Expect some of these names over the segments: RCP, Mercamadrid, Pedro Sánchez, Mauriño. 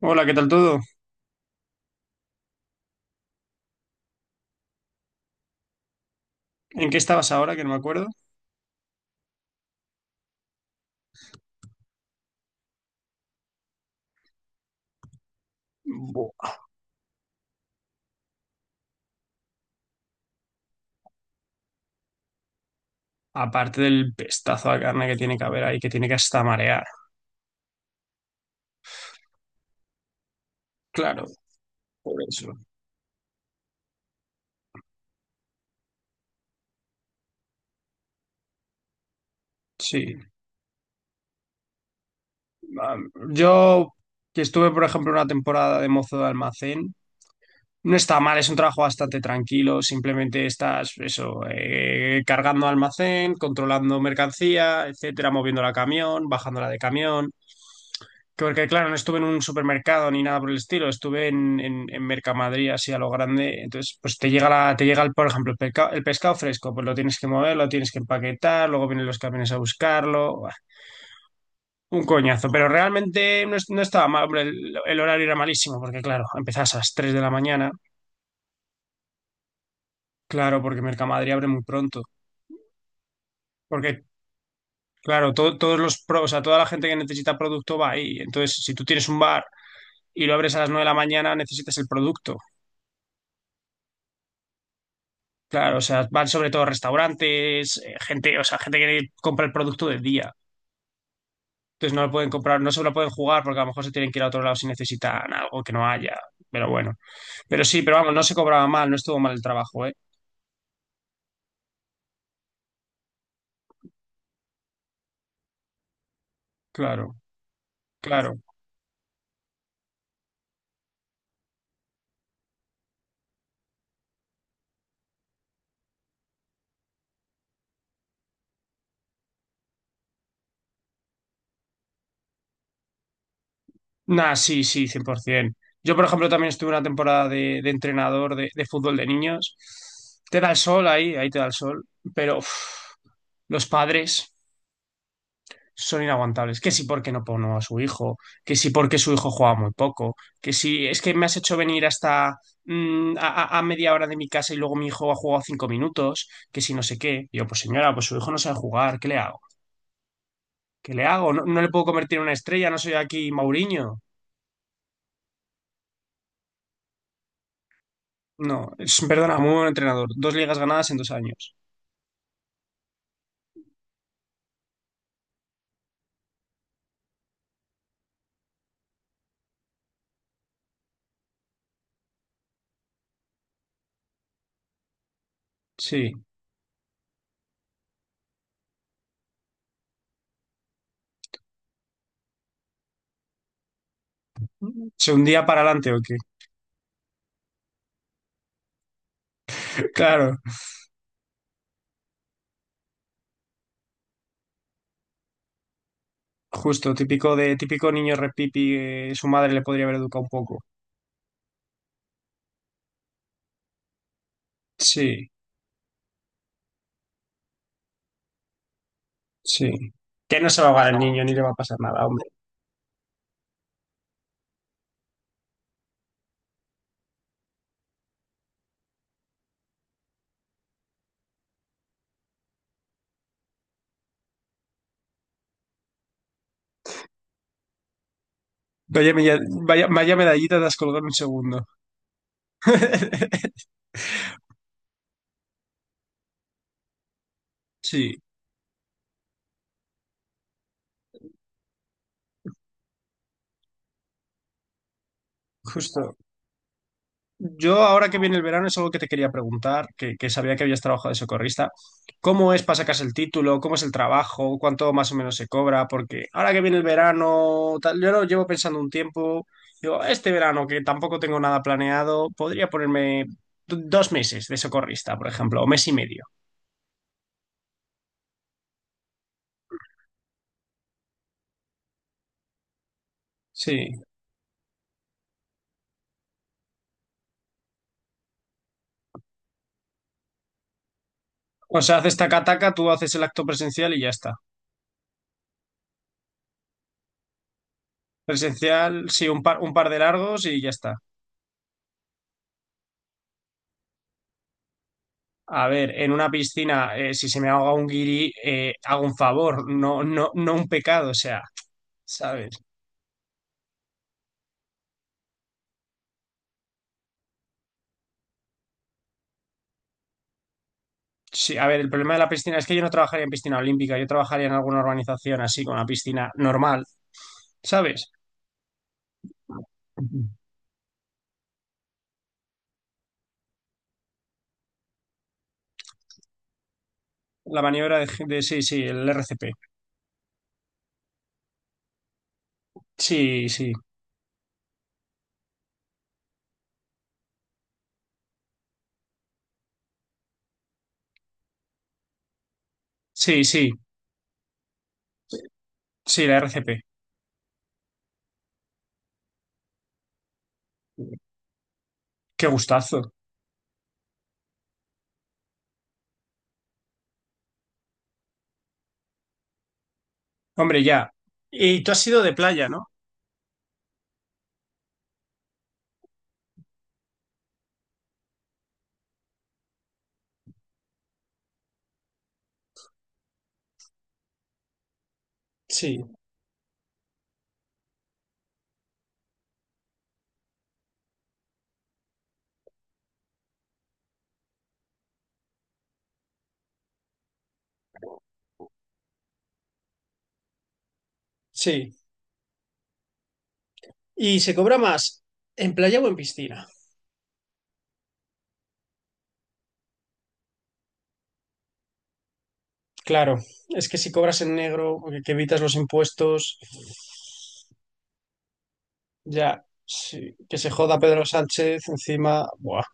Hola, ¿qué tal todo? ¿En qué estabas ahora? Que no me acuerdo. Buah, aparte del pestazo de carne que tiene que haber ahí, que tiene que hasta marear. Claro, por eso. Sí. Yo, que estuve, por ejemplo, una temporada de mozo de almacén, no está mal, es un trabajo bastante tranquilo. Simplemente estás, eso, cargando almacén, controlando mercancía, etcétera, moviéndola a camión, bajándola de camión. Porque claro, no estuve en un supermercado ni nada por el estilo, estuve en Mercamadrid así a lo grande. Entonces, pues te llega el, por ejemplo, el pescado fresco, pues lo tienes que mover, lo tienes que empaquetar, luego vienen los camiones a buscarlo. Buah, un coñazo. Pero realmente no estaba mal, hombre, el horario era malísimo, porque claro, empezás a las 3 de la mañana, claro, porque Mercamadrid abre muy pronto. Porque, claro, todos los pros, o sea, toda la gente que necesita producto va ahí. Entonces, si tú tienes un bar y lo abres a las 9 de la mañana, necesitas el producto. Claro, o sea, van sobre todo restaurantes, gente, o sea, gente que compra el producto del día. Entonces no lo pueden comprar, no se lo pueden jugar porque a lo mejor se tienen que ir a otro lado si necesitan algo que no haya. Pero bueno. Pero sí, pero vamos, no se cobraba mal, no estuvo mal el trabajo, ¿eh? Claro, claro. Nah, sí, sí, 100%. Yo, por ejemplo, también estuve una temporada de entrenador de fútbol de niños. Te da el sol ahí, ahí te da el sol. Pero uf, los padres son inaguantables. Que si porque no pongo a su hijo, que si porque su hijo juega muy poco, que si es que me has hecho venir hasta mm, a, a media hora de mi casa y luego mi hijo ha jugado 5 minutos, que si no sé qué. Y yo, pues señora, pues su hijo no sabe jugar, ¿qué le hago? ¿Qué le hago? No, no le puedo convertir en una estrella, no soy aquí Mauriño. No, perdona, muy buen entrenador. Dos ligas ganadas en 2 años. Sí. ¿Se un día para adelante o qué? Claro, justo, típico de típico niño repipi, su madre le podría haber educado un poco. Sí. Sí. Que no se va a ahogar el niño ni le va a pasar nada, hombre. Vaya, meda- vaya, vaya medallita te has colgado en un segundo. Sí, justo. Yo ahora que viene el verano es algo que te quería preguntar, que sabía que habías trabajado de socorrista. ¿Cómo es para sacarse el título? ¿Cómo es el trabajo? ¿Cuánto más o menos se cobra? Porque ahora que viene el verano, tal, yo lo llevo pensando un tiempo. Digo, este verano que tampoco tengo nada planeado, podría ponerme 2 meses de socorrista, por ejemplo, o mes y medio. Sí. O sea, haces taca-taca, tú haces el acto presencial y ya está. Presencial, sí, un par de largos y ya está. A ver, en una piscina, si se me ahoga un guiri, hago un favor, no, no, no un pecado, o sea, ¿sabes? Sí, a ver, el problema de la piscina es que yo no trabajaría en piscina olímpica, yo trabajaría en alguna organización así, con una piscina normal, ¿sabes? Ujú. La maniobra de sí, sí, el RCP. Sí, sí, sí, sí, sí, la RCP. Qué gustazo. Hombre, ya. Y tú has sido de playa, ¿no? Sí. Sí, y se cobra más en playa o en piscina. Claro, es que si cobras en negro, que evitas los impuestos, ya, sí, que se joda Pedro Sánchez encima. Buah.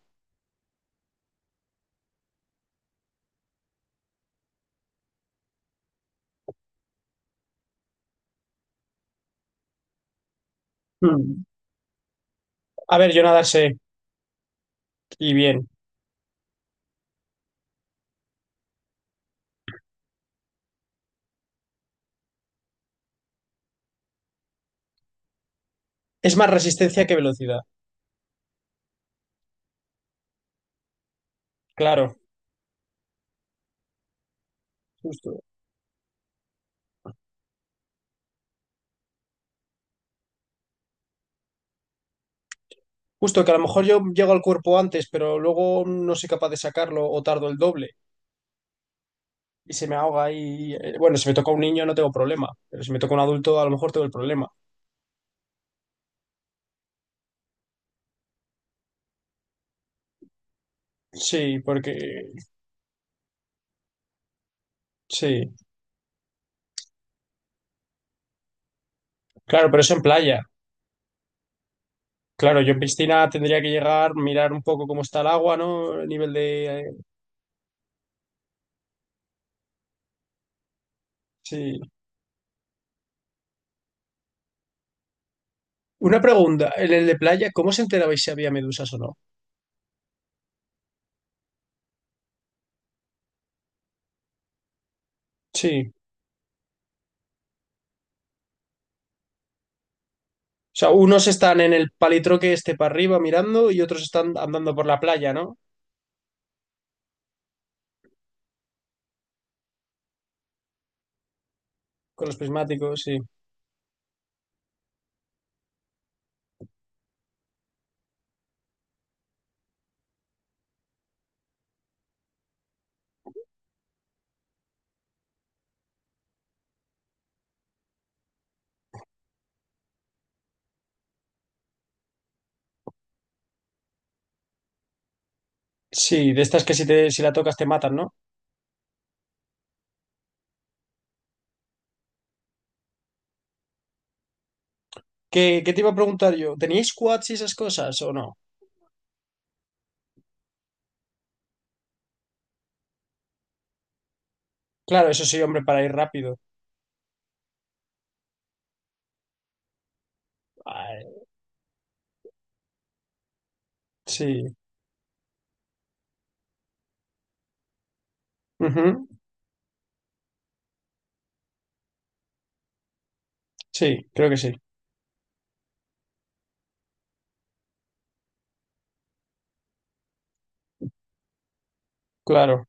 Mm. A ver, yo nadar sé, y bien. Es más resistencia que velocidad, claro, justo. Justo que a lo mejor yo llego al cuerpo antes, pero luego no soy capaz de sacarlo o tardo el doble y se me ahoga y bueno, si me toca un niño no tengo problema, pero si me toca un adulto a lo mejor tengo el problema. Sí, porque sí. Claro, pero eso en playa. Claro, yo en piscina tendría que llegar, mirar un poco cómo está el agua, ¿no? El nivel de... sí. Una pregunta, en el de playa, ¿cómo se enterabais si había medusas o no? Sí. O sea, unos están en el palitroque este para arriba mirando y otros están andando por la playa, ¿no? Con los prismáticos, sí. Sí, de estas que si la tocas te matan, ¿no? ¿Qué te iba a preguntar yo? ¿Teníais quads y esas cosas o no? Claro, eso sí, hombre, para ir rápido. Ay, sí. Ujú. Sí, creo que sí. Claro.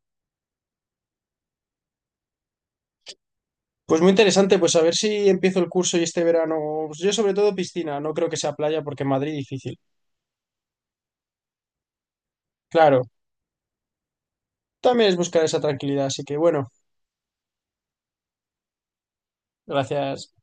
Pues muy interesante, pues a ver si empiezo el curso y este verano, pues yo sobre todo piscina, no creo que sea playa porque en Madrid difícil. Claro, también es buscar esa tranquilidad, así que bueno, gracias.